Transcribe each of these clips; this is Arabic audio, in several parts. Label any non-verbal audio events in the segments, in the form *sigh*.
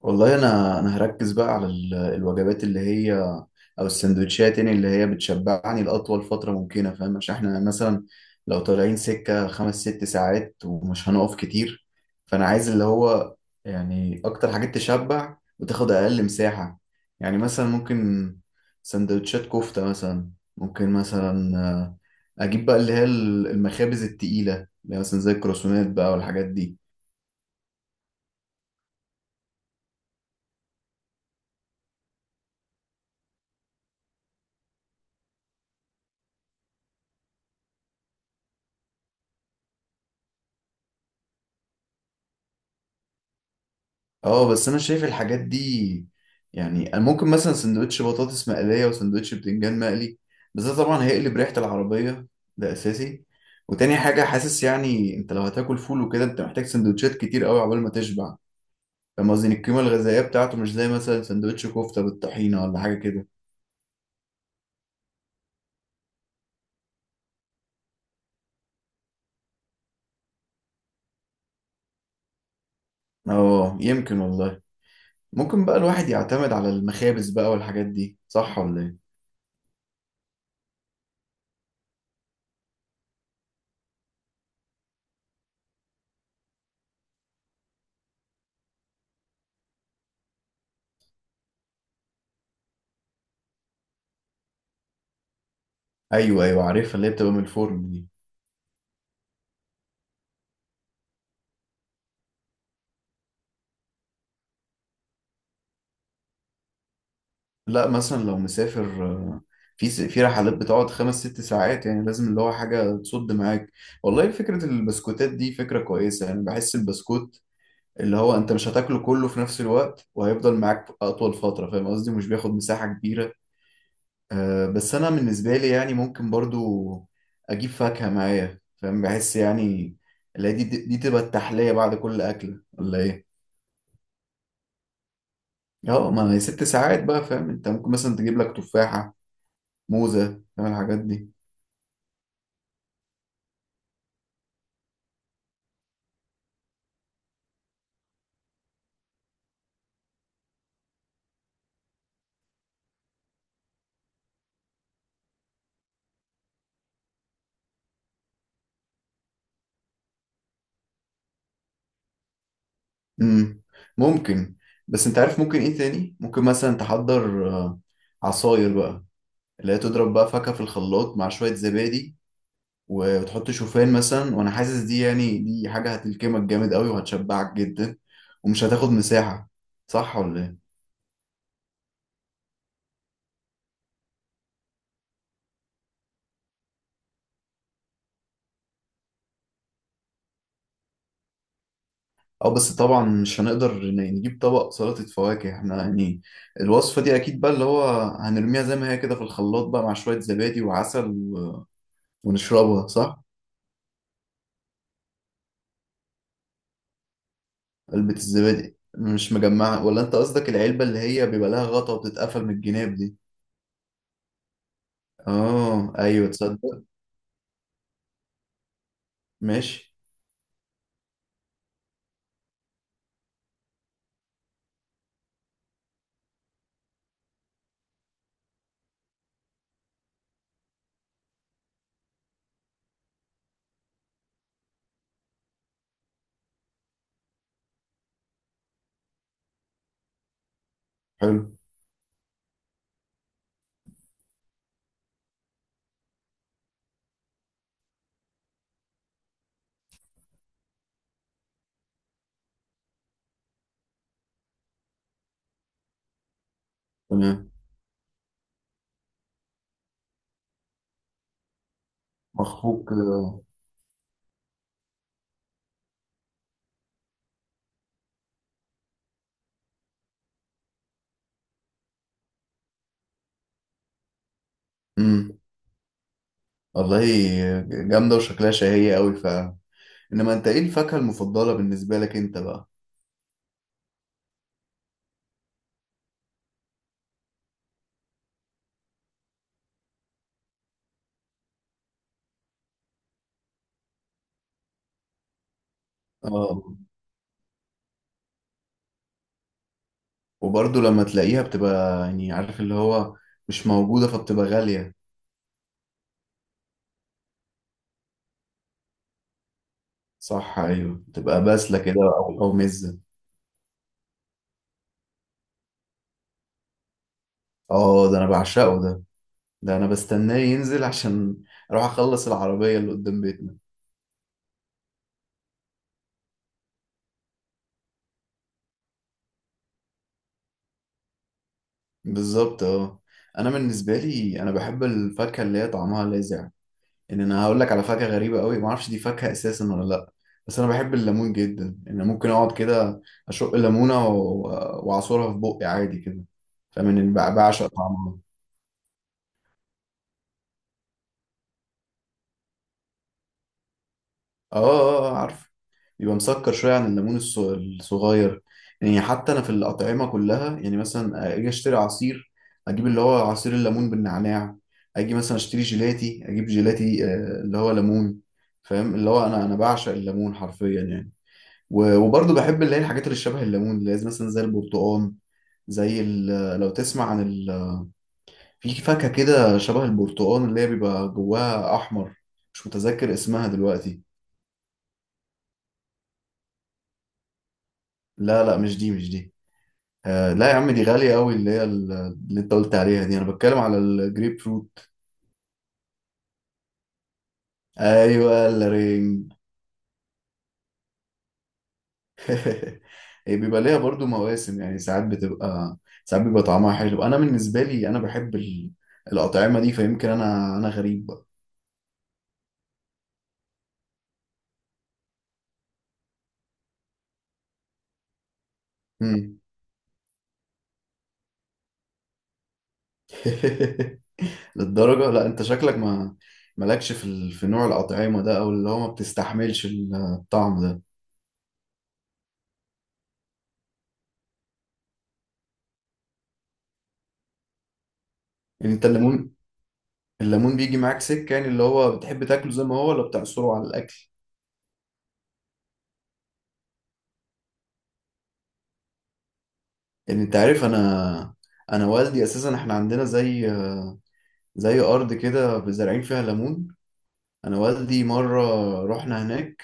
والله انا هركز بقى على الوجبات اللي هي، او السندوتشات، يعني اللي هي بتشبعني لاطول فتره ممكنه. فاهم؟ عشان احنا مثلا لو طالعين سكه 5 6 ساعات ومش هنقف كتير، فانا عايز اللي هو يعني اكتر حاجات تشبع وتاخد اقل مساحه. يعني مثلا ممكن سندوتشات كفته مثلا، ممكن مثلا اجيب بقى اللي هي المخابز التقيله اللي هي مثلا زي الكروسونات بقى والحاجات دي. اه، بس انا شايف الحاجات دي. يعني أنا ممكن مثلا سندوتش بطاطس مقلية وسندوتش بتنجان مقلي، بس ده طبعا هيقلب ريحة العربية. ده اساسي. وتاني حاجة حاسس يعني انت لو هتاكل فول وكده انت محتاج سندوتشات كتير قوي عقبال ما تشبع. فاهم قصدي إن القيمة الغذائية بتاعته مش زي مثلا سندوتش كفتة بالطحينة ولا حاجة كده؟ اه، يمكن والله. ممكن بقى الواحد يعتمد على المخابز بقى والحاجات دي، صح ولا ايه؟ ايوه ايوه، عارفها اللي هي بتبقى من الفرن دي. لا مثلا لو مسافر، في في رحلات بتقعد 5 6 ساعات، يعني لازم اللي هو حاجة تصد معاك. والله فكرة البسكوتات دي فكرة كويسة، يعني بحس البسكوت اللي هو انت مش هتاكله كله في نفس الوقت وهيفضل معاك أطول فترة. فاهم قصدي؟ مش بياخد مساحة كبيرة. بس أنا بالنسبة لي يعني ممكن برضو أجيب فاكهة معايا. فاهم، بحس يعني اللي هي دي تبقى التحلية بعد كل أكلة، ولا إيه؟ اه، ما هي 6 ساعات بقى. فاهم، انت ممكن مثلا تجيب لك تفاحة، موزة، فاهم الحاجات دي. امم ممكن. بس انت عارف ممكن ايه تاني؟ ممكن مثلا تحضر عصاير بقى اللي هي تضرب بقى فاكهة في الخلاط مع شوية زبادي، وتحط شوفان مثلا. وانا حاسس دي، يعني دي حاجة هتلكمك جامد قوي وهتشبعك جدا ومش هتاخد مساحة. صح ولا ايه؟ اه، بس طبعا مش هنقدر نجيب طبق سلطة فواكه احنا يعني. الوصفة دي اكيد بقى اللي هو هنرميها زي ما هي كده في الخلاط بقى مع شوية زبادي وعسل، و... ونشربها، صح؟ علبة الزبادي مش مجمعة؟ ولا انت قصدك العلبة اللي هي بيبقى لها غطا وبتتقفل من الجناب دي؟ اه ايوه، تصدق. ماشي. حلو. تمام. مخفوق. امم والله جامدة وشكلها شهية قوي. ف انما انت ايه الفاكهة المفضلة بالنسبة لك انت بقى؟ اه، وبرضه لما تلاقيها بتبقى يعني عارف اللي هو مش موجودة، فبتبقى غالية. صح، ايوه بتبقى باسلة كده، او مزة. اه، ده انا بعشقه ده. ده انا بستناه ينزل، عشان اروح اخلص العربية اللي قدام بيتنا. بالظبط، اه. انا بالنسبة لي انا بحب الفاكهة اللي هي طعمها لاذع. ان انا هقول لك على فاكهة غريبة قوي، ما اعرفش دي فاكهة اساسا ولا لا، بس انا بحب الليمون جدا. ان أنا ممكن اقعد كده اشق الليمونة واعصرها في بقي عادي كده، فمن بعشق طعمها. اه اه، عارف، بيبقى مسكر شوية عن الليمون الصغير. يعني حتى أنا في الأطعمة كلها يعني مثلا أجي أشتري عصير، أجيب اللي هو عصير الليمون بالنعناع. أجي مثلا أشتري جيلاتي أجيب جيلاتي اللي هو ليمون. فاهم اللي هو أنا بعشق الليمون حرفيا يعني. وبرضه بحب اللي هي الحاجات اللي شبه الليمون اللي هي مثلا زي البرتقال، زي لو تسمع عن ال، في فاكهة كده شبه البرتقال اللي هي بيبقى جواها أحمر، مش متذكر اسمها دلوقتي. لا لا، مش دي مش دي. آه لا يا عم، دي غالية قوي. اللي هي اللي انت قلت عليها دي، انا بتكلم على الجريب فروت. ايوه الرينج. *laughs* هي بيبقى ليها برضو مواسم، يعني ساعات بتبقى، ساعات بيبقى طعمها حلو. انا بالنسبة لي انا بحب الأطعمة دي، فيمكن انا غريب بقى. مم. *laughs* للدرجة؟ لا انت شكلك ما مالكش في ال، في نوع الأطعمة ده، او اللي هو ما بتستحملش الطعم ده. يعني انت الليمون، الليمون بيجي معاك سكة، يعني اللي هو بتحب تاكله زي ما هو ولا بتعصره على الأكل؟ يعني انت عارف، انا والدي اساسا احنا عندنا زي ارض كده زارعين فيها ليمون. انا والدي مره رحنا هناك،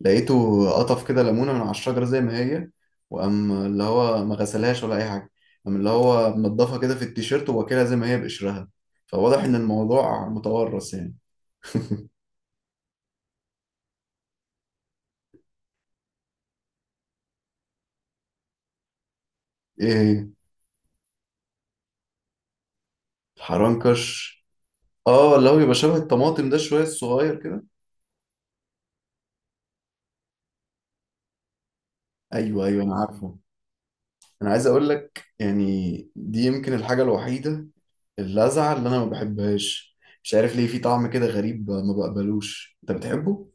لقيته قطف كده ليمونه من على الشجره زي ما هي، وقام اللي هو ما غسلهاش ولا اي حاجه، قام اللي هو منضفها كده في التيشيرت وواكلها زي ما هي بقشرها. فواضح ان الموضوع متورث يعني. *laughs* ايه هي؟ الحرنكش. اه، اللي هو بيبقى شبه الطماطم ده شويه، الصغير كده. ايوه ايوه انا عارفه. انا عايز اقول لك يعني، دي يمكن الحاجه الوحيده اللذعة اللي أنا ما بحبهاش، مش عارف ليه. في طعم كده غريب ما بقبلوش. أنت بتحبه؟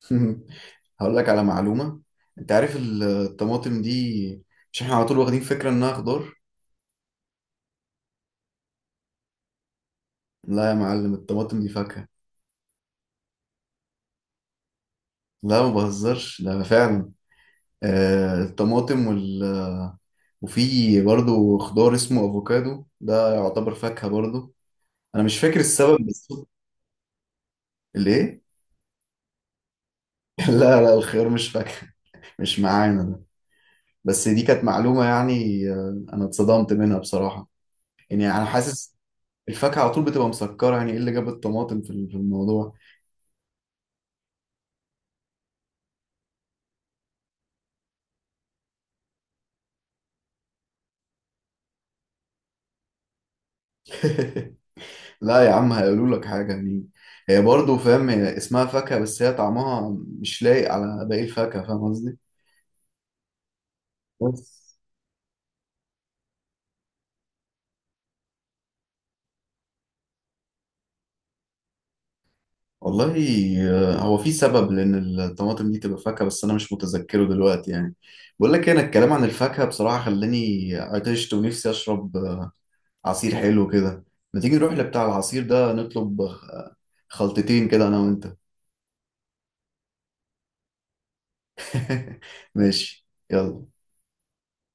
*laughs* هقول لك على معلومة. أنت عارف الطماطم دي، مش إحنا على طول واخدين فكرة إنها خضار؟ لا يا معلم، الطماطم دي فاكهة. لا ما بهزرش، لا فعلا. آه الطماطم وال، وفي برضو خضار اسمه أفوكادو، ده يعتبر فاكهة برضو. أنا مش فاكر السبب بالظبط. ليه؟ *laughs* لا لا، الخيار مش فاكهة. مش معانا. بس دي كانت معلومة يعني، أنا اتصدمت منها بصراحة. يعني أنا حاسس الفاكهة على طول بتبقى مسكرة، يعني إيه اللي جاب الطماطم في في الموضوع؟ *laughs* لا يا عم هيقولوا لك حاجة يعني. هي برضه فاهم، هي اسمها فاكهة بس هي طعمها مش لايق على باقي الفاكهة. فاهم قصدي؟ بس والله هو في سبب لأن الطماطم دي تبقى فاكهة، بس أنا مش متذكره دلوقتي يعني. بقول لك إيه، أنا الكلام عن الفاكهة بصراحة خلاني عطشت ونفسي أشرب عصير حلو كده. ما تيجي نروح لبتاع العصير ده نطلب خلطتين كده انا وانت؟ *laughs* ماشي يلا.